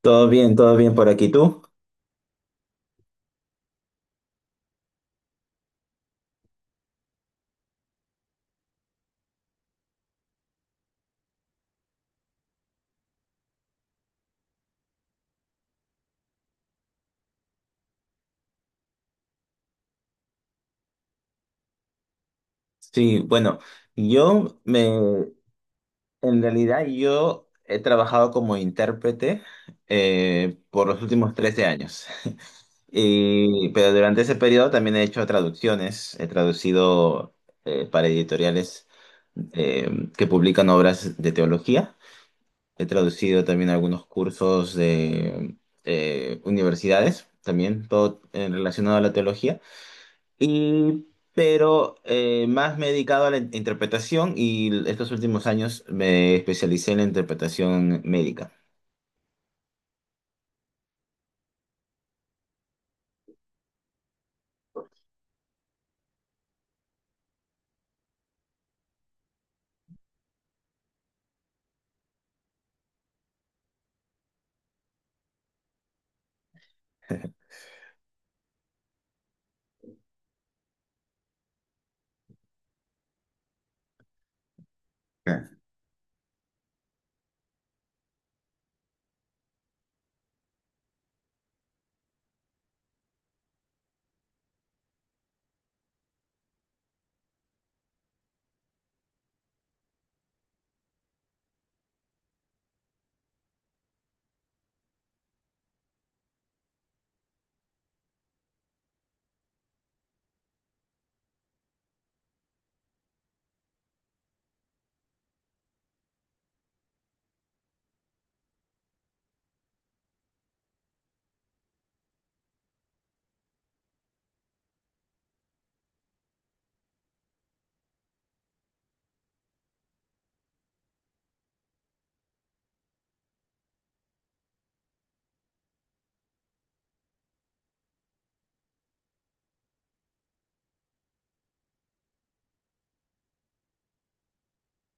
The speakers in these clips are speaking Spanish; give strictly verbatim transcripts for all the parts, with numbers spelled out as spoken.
Todo bien, todo bien por aquí. ¿Tú? Sí, bueno, yo me, en realidad yo he trabajado como intérprete eh, por los últimos trece años. Y, pero durante ese periodo también he hecho traducciones, he traducido eh, para editoriales eh, que publican obras de teología, he traducido también algunos cursos de eh, universidades, también todo eh, relacionado a la teología, y, pero eh, más me he dedicado a la in- interpretación, y estos últimos años me especialicé en la interpretación médica. Ok.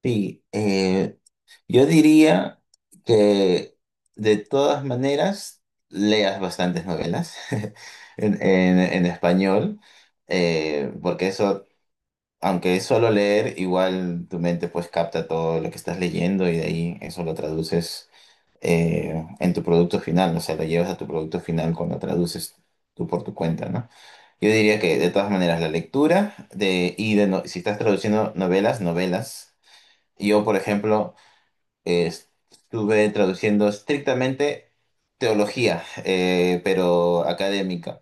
Sí, yo diría que de todas maneras leas bastantes novelas en, en- en español, eh, porque eso, aunque es solo leer, igual tu mente pues capta todo lo que estás leyendo, y de ahí eso lo traduces eh, en tu producto final. O sea, lo llevas a tu producto final cuando traduces tú por tu cuenta, ¿no? Yo diría que de todas maneras la lectura de, y de no- si estás traduciendo novelas, novelas. Yo, por ejemplo, es- estuve traduciendo estrictamente teología, eh, pero académica.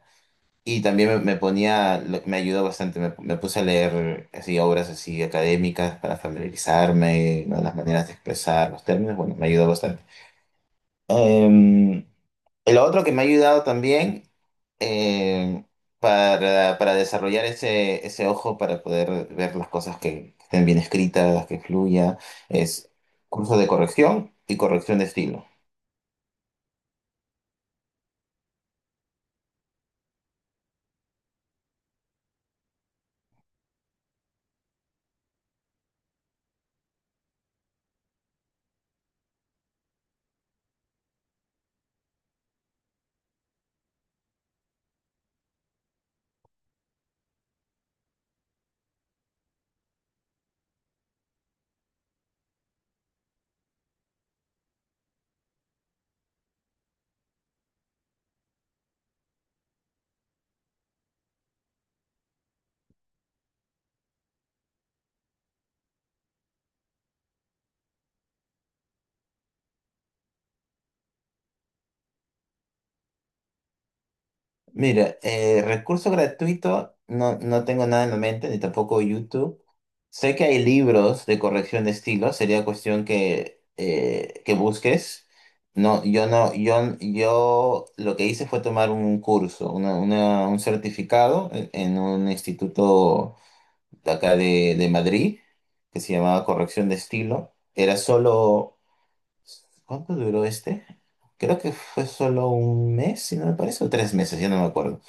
Y también me, me ponía, lo- me ayudó bastante, me, me puse a leer así, obras así académicas para familiarizarme, ¿no?, las maneras de expresar los términos. Bueno, me ayudó bastante. Em, lo otro que me ha ayudado también, eh, para, para desarrollar ese, ese ojo, para poder ver las cosas que estén bien escritas, que fluya, es cursos de corrección y corrección de estilo. Mira, eh, recurso gratuito, no, no tengo nada en la mente, ni tampoco YouTube. Sé que hay libros de corrección de estilo, sería cuestión que, eh, que busques. No, yo no, yo, yo lo que hice fue tomar un curso, una, una- un certificado en, en un instituto de acá de, de Madrid, que se llamaba corrección de estilo. Era solo, ¿cuánto duró este? Creo que fue solo un mes, si no me parece, o tres meses, ya no me acuerdo.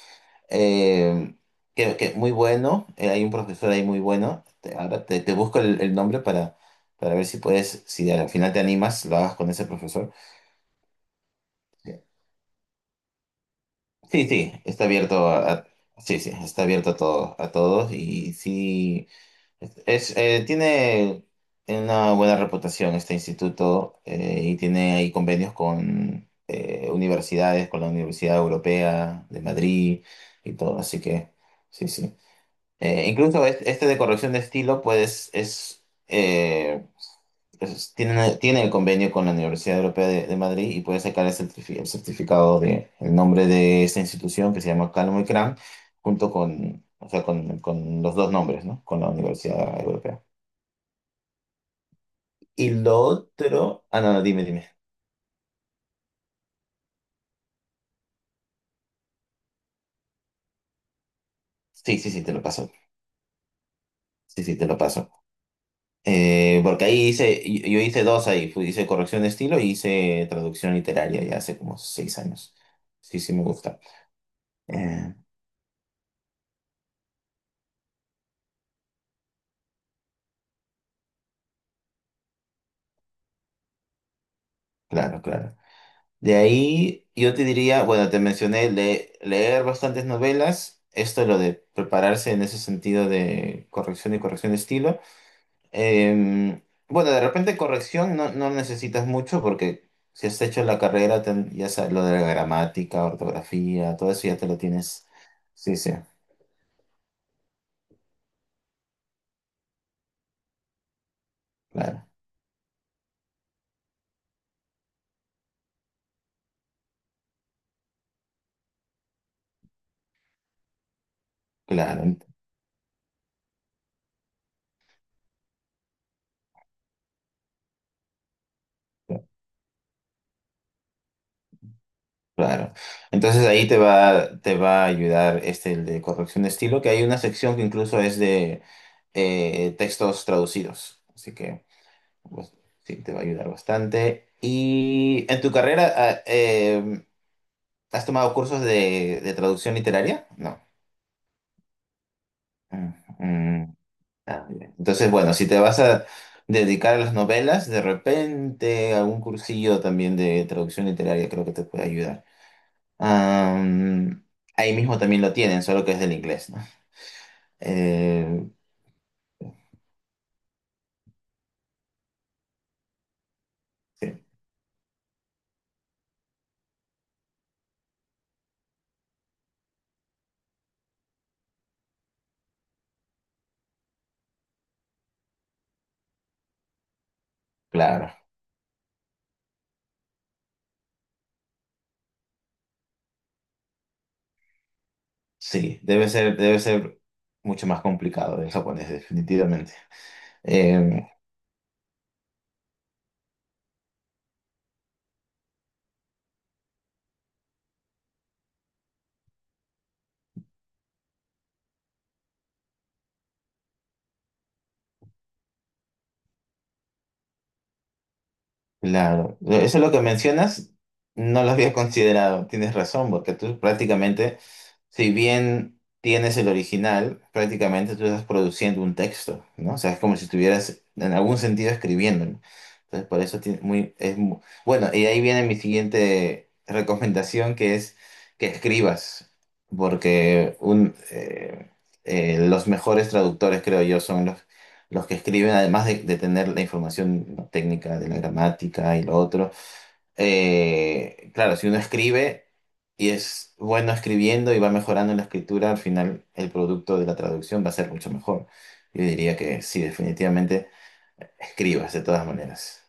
Eh, que, que muy bueno, eh, hay un profesor ahí muy bueno. Te- ahora te, te busco el, el nombre para, para ver si puedes, si al final te animas, lo hagas con ese profesor. Sí, sí, está abierto a, a- sí, sí, está abierto a todo, a todos, y sí, es, eh, tiene una buena reputación este instituto, eh, y tiene ahí convenios con eh, universidades, con la Universidad Europea de Madrid y todo, así que sí, sí. Eh, incluso es- este de corrección de estilo, pues, es, eh, es- tiene, tiene el convenio con la Universidad Europea de, de Madrid y puede sacar el, certifi- el certificado de el nombre de esta institución que se llama Calmo y Cram, junto con, o sea, con, con los dos nombres, ¿no? Con la Universidad Europea. Y lo otro, ah, no, no, dime, dime. Sí, sí, sí, te lo paso. Sí, sí, te lo paso. Eh, porque ahí hice, yo yo hice dos ahí, fui- hice corrección de estilo y hice traducción literaria ya hace como seis años. Sí, sí me gusta. Eh, claro, claro. De ahí yo te diría, bueno, te mencioné le- leer bastantes novelas, esto es lo de prepararse en ese sentido de corrección y corrección de estilo. Eh, bueno, de repente corrección no, no necesitas mucho, porque si has hecho la carrera, ten- ya sabes, lo de la gramática, ortografía, todo eso ya te lo tienes. Sí, sí, claro. Claro, ent- claro. Entonces ahí te va, te va a ayudar este, el de corrección de estilo, que hay una sección que incluso es de eh, textos traducidos. Así que pues, sí, te va a ayudar bastante. Y en tu carrera, ah, eh, ¿has tomado cursos de, de traducción literaria? No. Mm, mm, ah, bien. Entonces, bueno, si te vas a dedicar a las novelas, de repente algún cursillo también de traducción literaria creo que te puede ayudar. Am, ahí mismo también lo tienen, solo que es del inglés, ¿no? Eh, sí, claro, sí, debe ser, debe ser mucho más complicado el japonés, definitivamente. Em, claro, e-, eso es lo que mencionas, no lo había considerado, tienes razón, porque tú prácticamente, si bien tienes el original, prácticamente tú estás produciendo un texto, ¿no? O sea, es como si estuvieras en algún sentido escribiéndolo. Entonces, por eso tiene muy, es mu- bueno, y ahí viene mi siguiente recomendación, que es que escribas, porque un, eh, eh, los mejores traductores, creo yo, son los que escriben, además de, de tener la información técnica de la gramática y lo otro, eh, claro, si uno escribe y es bueno escribiendo y va mejorando en la escritura, al final el producto de la traducción va a ser mucho mejor. Yo diría que sí, definitivamente escribas de todas maneras.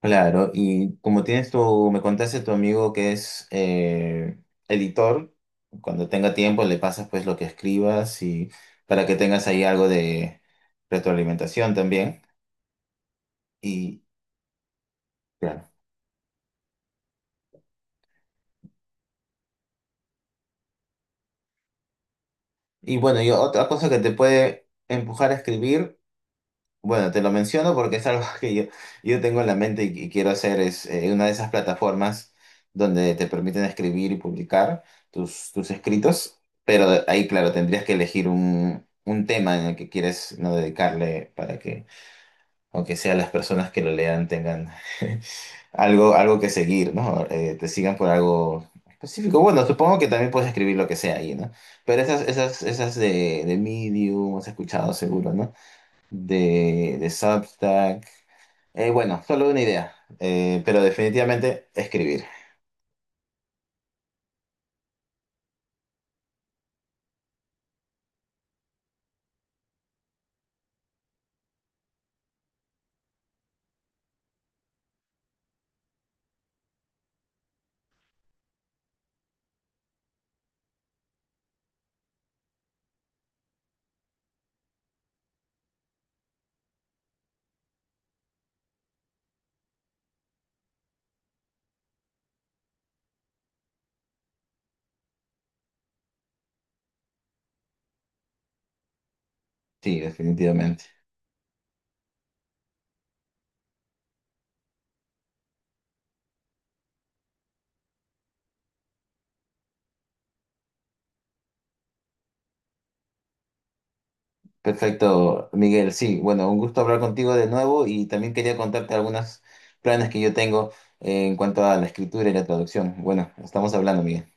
Claro, y como tienes tu, me contaste tu amigo que es eh, editor, cuando tenga tiempo le pasas pues lo que escribas y para que tengas ahí algo de retroalimentación también. Y, claro. Y bueno, y otra cosa que te puede empujar a escribir, bueno, te lo menciono porque es algo que yo, yo tengo en la mente y, y quiero hacer, es eh, una de esas plataformas donde te permiten escribir y publicar tus, tus escritos, pero ahí, claro, tendrías que elegir un, un tema en el que quieres no dedicarle para que aunque sea las personas que lo lean tengan algo, algo que seguir, ¿no? Eh, te sigan por algo específico. Bueno, supongo que también puedes escribir lo que sea ahí, ¿no? Pero esas, esas, esas de, de Medium, has escuchado seguro, ¿no? De, de Substack. Eh, bueno, solo una idea. Eh, pero definitivamente escribir. Sí, definitivamente. Perfecto, Miguel. Sí, bueno, un gusto hablar contigo de nuevo, y también quería contarte algunos planes que yo tengo en cuanto a la escritura y la traducción. Bueno, estamos hablando, Miguel.